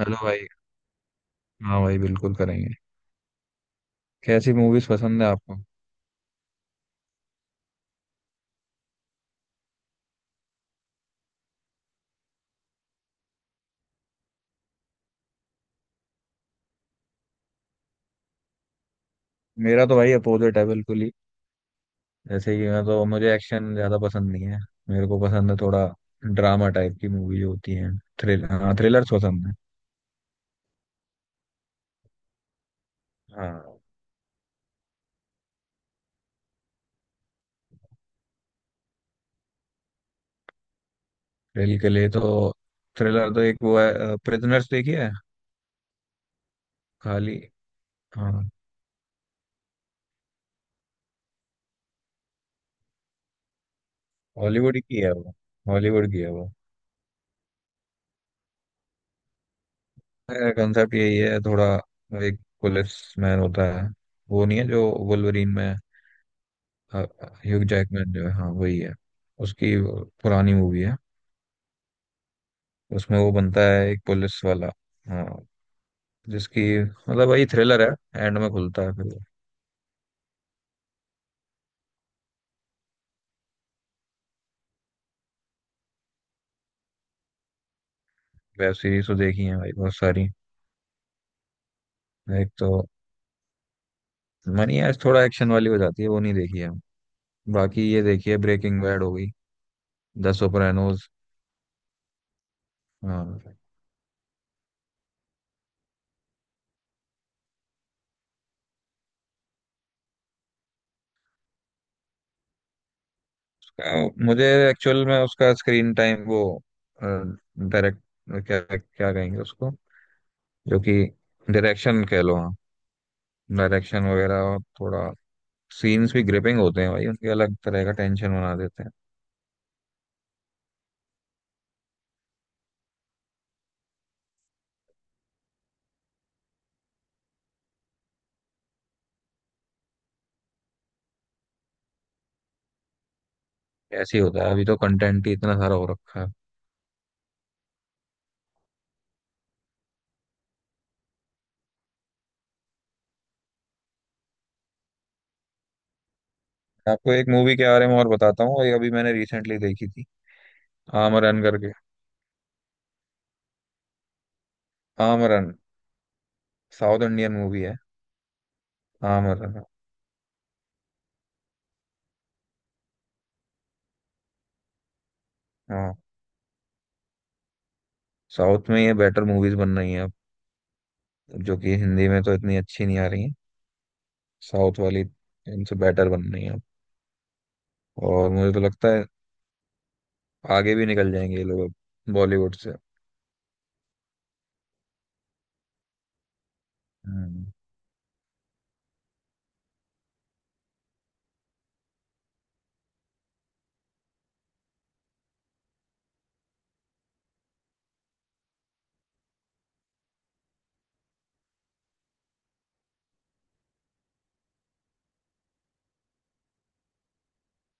Hello भाई। हाँ भाई, बिल्कुल करेंगे। कैसी मूवीज पसंद है आपको? मेरा तो भाई अपोजिट है बिल्कुल ही। जैसे कि मैं तो, मुझे एक्शन ज्यादा पसंद नहीं है। मेरे को पसंद है थोड़ा ड्रामा टाइप की मूवी जो होती है। थ्रिल हाँ, थ्रिलर्स पसंद है। हाँ, थ्रिल के लिए तो थ्रिलर तो एक वो है, प्रिजनर्स देखी है? खाली। हाँ, हॉलीवुड की है वो। हॉलीवुड की है वो। कंसेप्ट यही है थोड़ा। एक पुलिस मैन होता है। वो नहीं है जो वुल्वरीन में है, ह्यूग जैकमैन जो है, हाँ वही है। उसकी वो पुरानी मूवी है। उसमें वो बनता है एक पुलिस वाला। हाँ, जिसकी मतलब वही थ्रिलर है, एंड में खुलता है फिर। वेब सीरीज तो देखी है भाई बहुत सारी। एक तो मनी हाइस्ट थोड़ा एक्शन वाली हो जाती है, वो नहीं देखी है। बाकी ये देखी है, ब्रेकिंग बैड हो गई, द सोpranos। हाँ। उसका मुझे एक्चुअल में उसका स्क्रीन टाइम वो, डायरेक्ट, क्या क्या कहेंगे उसको, जो कि, डायरेक्शन कह लो, हाँ, डायरेक्शन वगैरह थोड़ा। सीन्स भी ग्रिपिंग होते हैं भाई उनके, अलग तरह का टेंशन बना देते हैं। ऐसे ही होता है, अभी तो कंटेंट ही इतना सारा हो रखा है। मैं आपको एक मूवी के बारे में और बताता हूँ, ये अभी मैंने रिसेंटली देखी थी। आमरन करके। आमरन, साउथ इंडियन मूवी है। आमरन। हाँ, साउथ में ये बेटर मूवीज बन रही हैं अब। जो कि हिंदी में तो इतनी अच्छी नहीं आ रही हैं। साउथ वाली इनसे बेटर बन रही हैं अब। और मुझे तो लगता है आगे भी निकल जाएंगे ये लोग अब बॉलीवुड से। हम्म।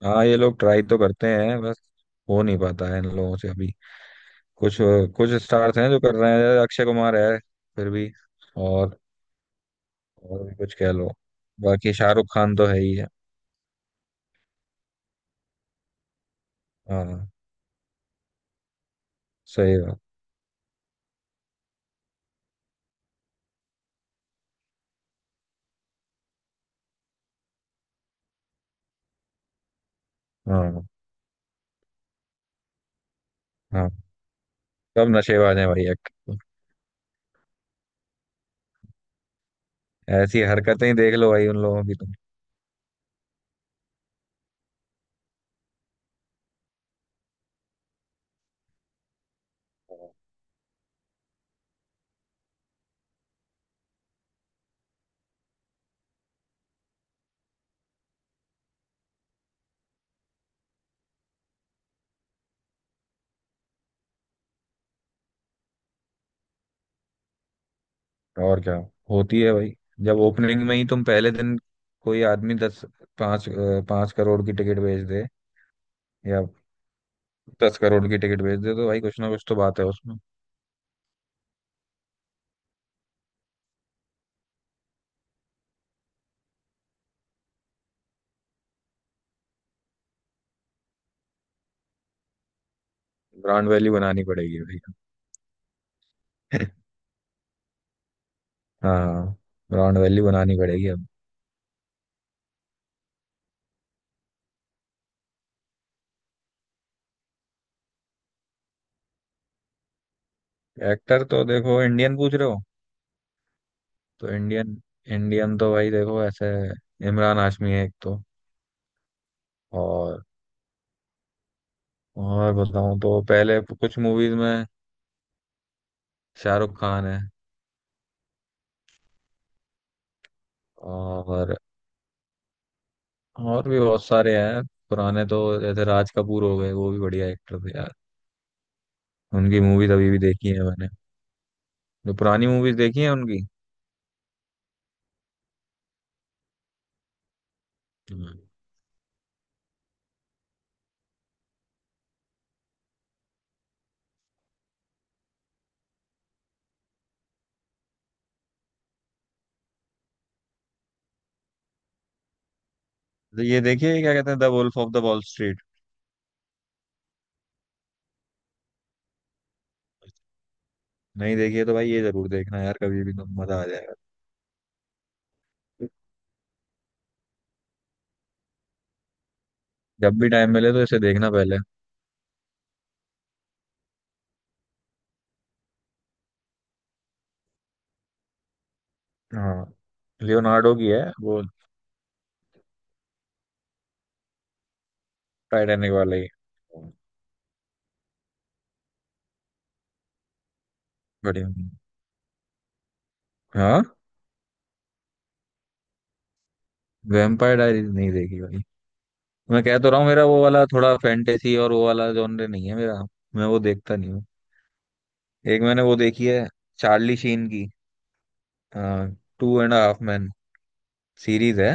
हाँ, ये लोग ट्राई तो करते हैं बस, हो नहीं पाता है इन लोगों से अभी। कुछ कुछ स्टार्स हैं जो कर रहे हैं। अक्षय कुमार है फिर भी। और और भी कुछ कह लो। बाकी शाहरुख खान तो है ही है। हाँ, सही बात। हाँ हाँ, सब नशेबाज हैं भाई एक्टर। ऐसी हरकतें ही देख लो भाई उन लोगों की तुम। और क्या, होती है भाई। जब ओपनिंग में ही तुम पहले दिन कोई आदमी दस, पाँच पाँच करोड़ की टिकट बेच दे या दस करोड़ की टिकट बेच दे, तो भाई कुछ ना कुछ तो बात है उसमें। ब्रांड वैल्यू बनानी पड़ेगी भाई। हाँ, ब्रांड वैल्यू बनानी पड़ेगी अब। एक्टर तो देखो, इंडियन पूछ रहे हो? तो इंडियन इंडियन तो भाई देखो ऐसे, इमरान हाशमी है एक तो। और और बताऊं तो पहले कुछ मूवीज में शाहरुख खान है। और और भी बहुत सारे हैं। पुराने तो जैसे राज कपूर हो गए, वो भी बढ़िया एक्टर थे यार। उनकी मूवीज अभी भी देखी है मैंने, जो पुरानी मूवीज देखी है उनकी। हम्म। तो ये देखिए क्या कहते हैं, The Wolf of the Wall Street. नहीं देखिए तो भाई ये जरूर देखना यार, कभी भी तो मजा आ जाएगा। जब भी टाइम मिले तो इसे देखना पहले। हाँ, लियोनार्डो की है वो। टाइटैनिक वाला ही। बढ़िया। हाँ, वैम्पायर डायरीज नहीं देखी भाई। मैं कह तो रहा हूँ, मेरा वो वाला थोड़ा फैंटेसी और वो वाला जॉनर नहीं है मेरा, मैं वो देखता नहीं हूँ। एक मैंने वो देखी है चार्ली शीन की, Two and Half Man, series है।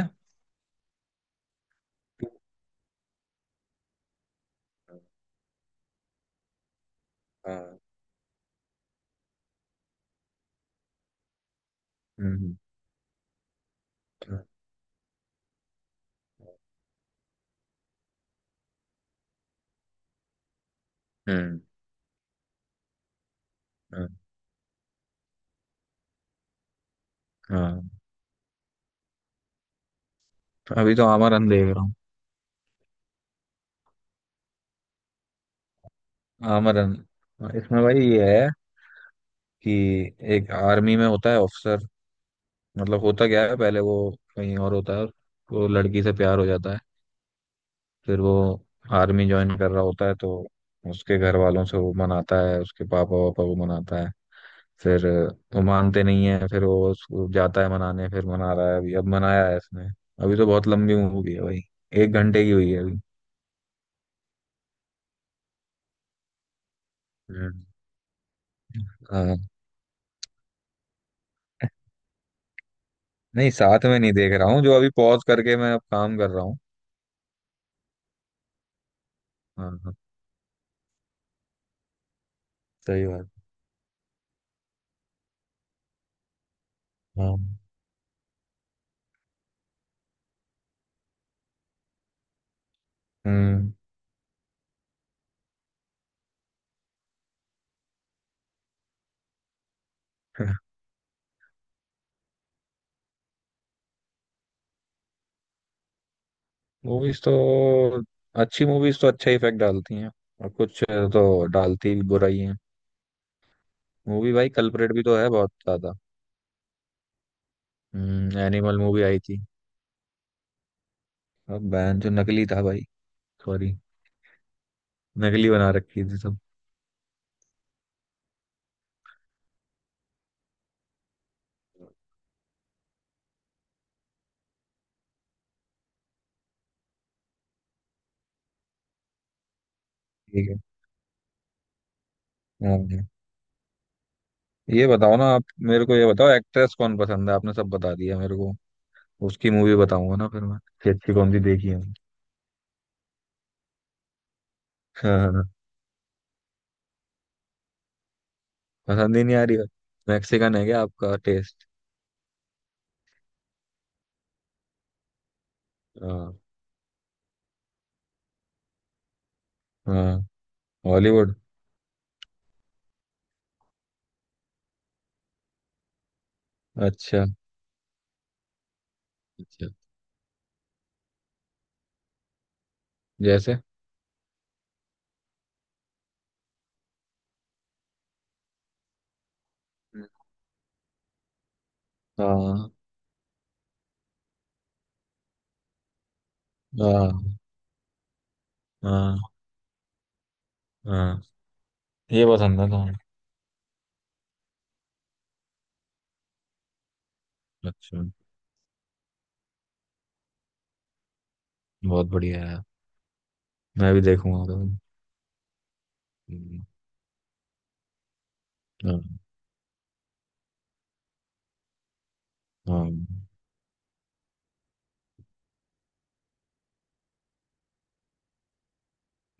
हाँ। हम्म। हाँ, हम्म, हाँ हाँ। अभी तो आमरन देख रहा हूँ। आमरन। इसमें भाई ये है कि एक आर्मी में होता है ऑफिसर। मतलब होता क्या है, पहले वो कहीं और होता है, वो लड़की से प्यार हो जाता है। फिर वो आर्मी ज्वाइन कर रहा होता है, तो उसके घर वालों से वो मनाता है, उसके पापा वापा को मनाता है। फिर वो मानते नहीं है, फिर वो उसको जाता है मनाने, फिर मना रहा है अभी, अब मनाया है इसने। अभी तो बहुत लंबी मूवी है भाई। एक घंटे की हुई है अभी। हम्म। हाँ। नहीं, साथ में नहीं देख रहा हूँ, जो अभी पॉज करके मैं अब काम कर रहा हूँ। हाँ हाँ, सही बात। हाँ। हम्म। मूवीज तो, अच्छी मूवीज तो अच्छा इफेक्ट डालती हैं। और कुछ तो डालती भी बुरा ही है। मूवी भाई कल्प्रेट भी तो है बहुत ज्यादा। एनिमल मूवी आई थी। अब बैन जो नकली था भाई, सॉरी, नकली बना रखी थी सब। ठीक है। हाँ, हाँ। ये बताओ ना आप, मेरे को ये बताओ एक्ट्रेस कौन पसंद है? आपने सब बता दिया मेरे को, उसकी मूवी बताऊंगा ना फिर मैं, कि अच्छी कौन सी देखी है। हाँ, हाँ, हाँ। पसंद ही नहीं आ रही। मैक्सिकन है क्या आपका टेस्ट? हाँ। हाँ, हॉलीवुड। अच्छा। अच्छा। जैसे। हाँ। हाँ। हाँ, हाँ, ये पसंद है ना? अच्छा, बहुत बढ़िया है। मैं भी देखूंगा तो। हम्म, हाँ, हाँ।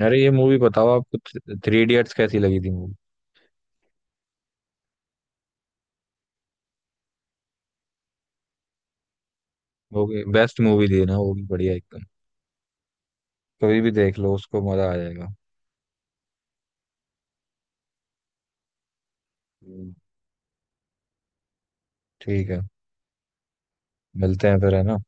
अरे, ये मूवी बताओ आपको, थ्री इडियट्स कैसी लगी थी मूवी? वो भी बेस्ट मूवी थी ना, वो भी बढ़िया एकदम। कभी भी देख लो उसको, मजा आ जाएगा। हम्म, ठीक है। मिलते हैं फिर, है ना?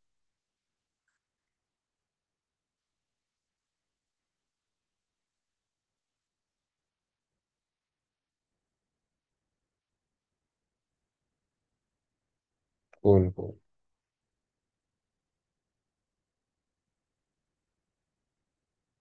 कूल।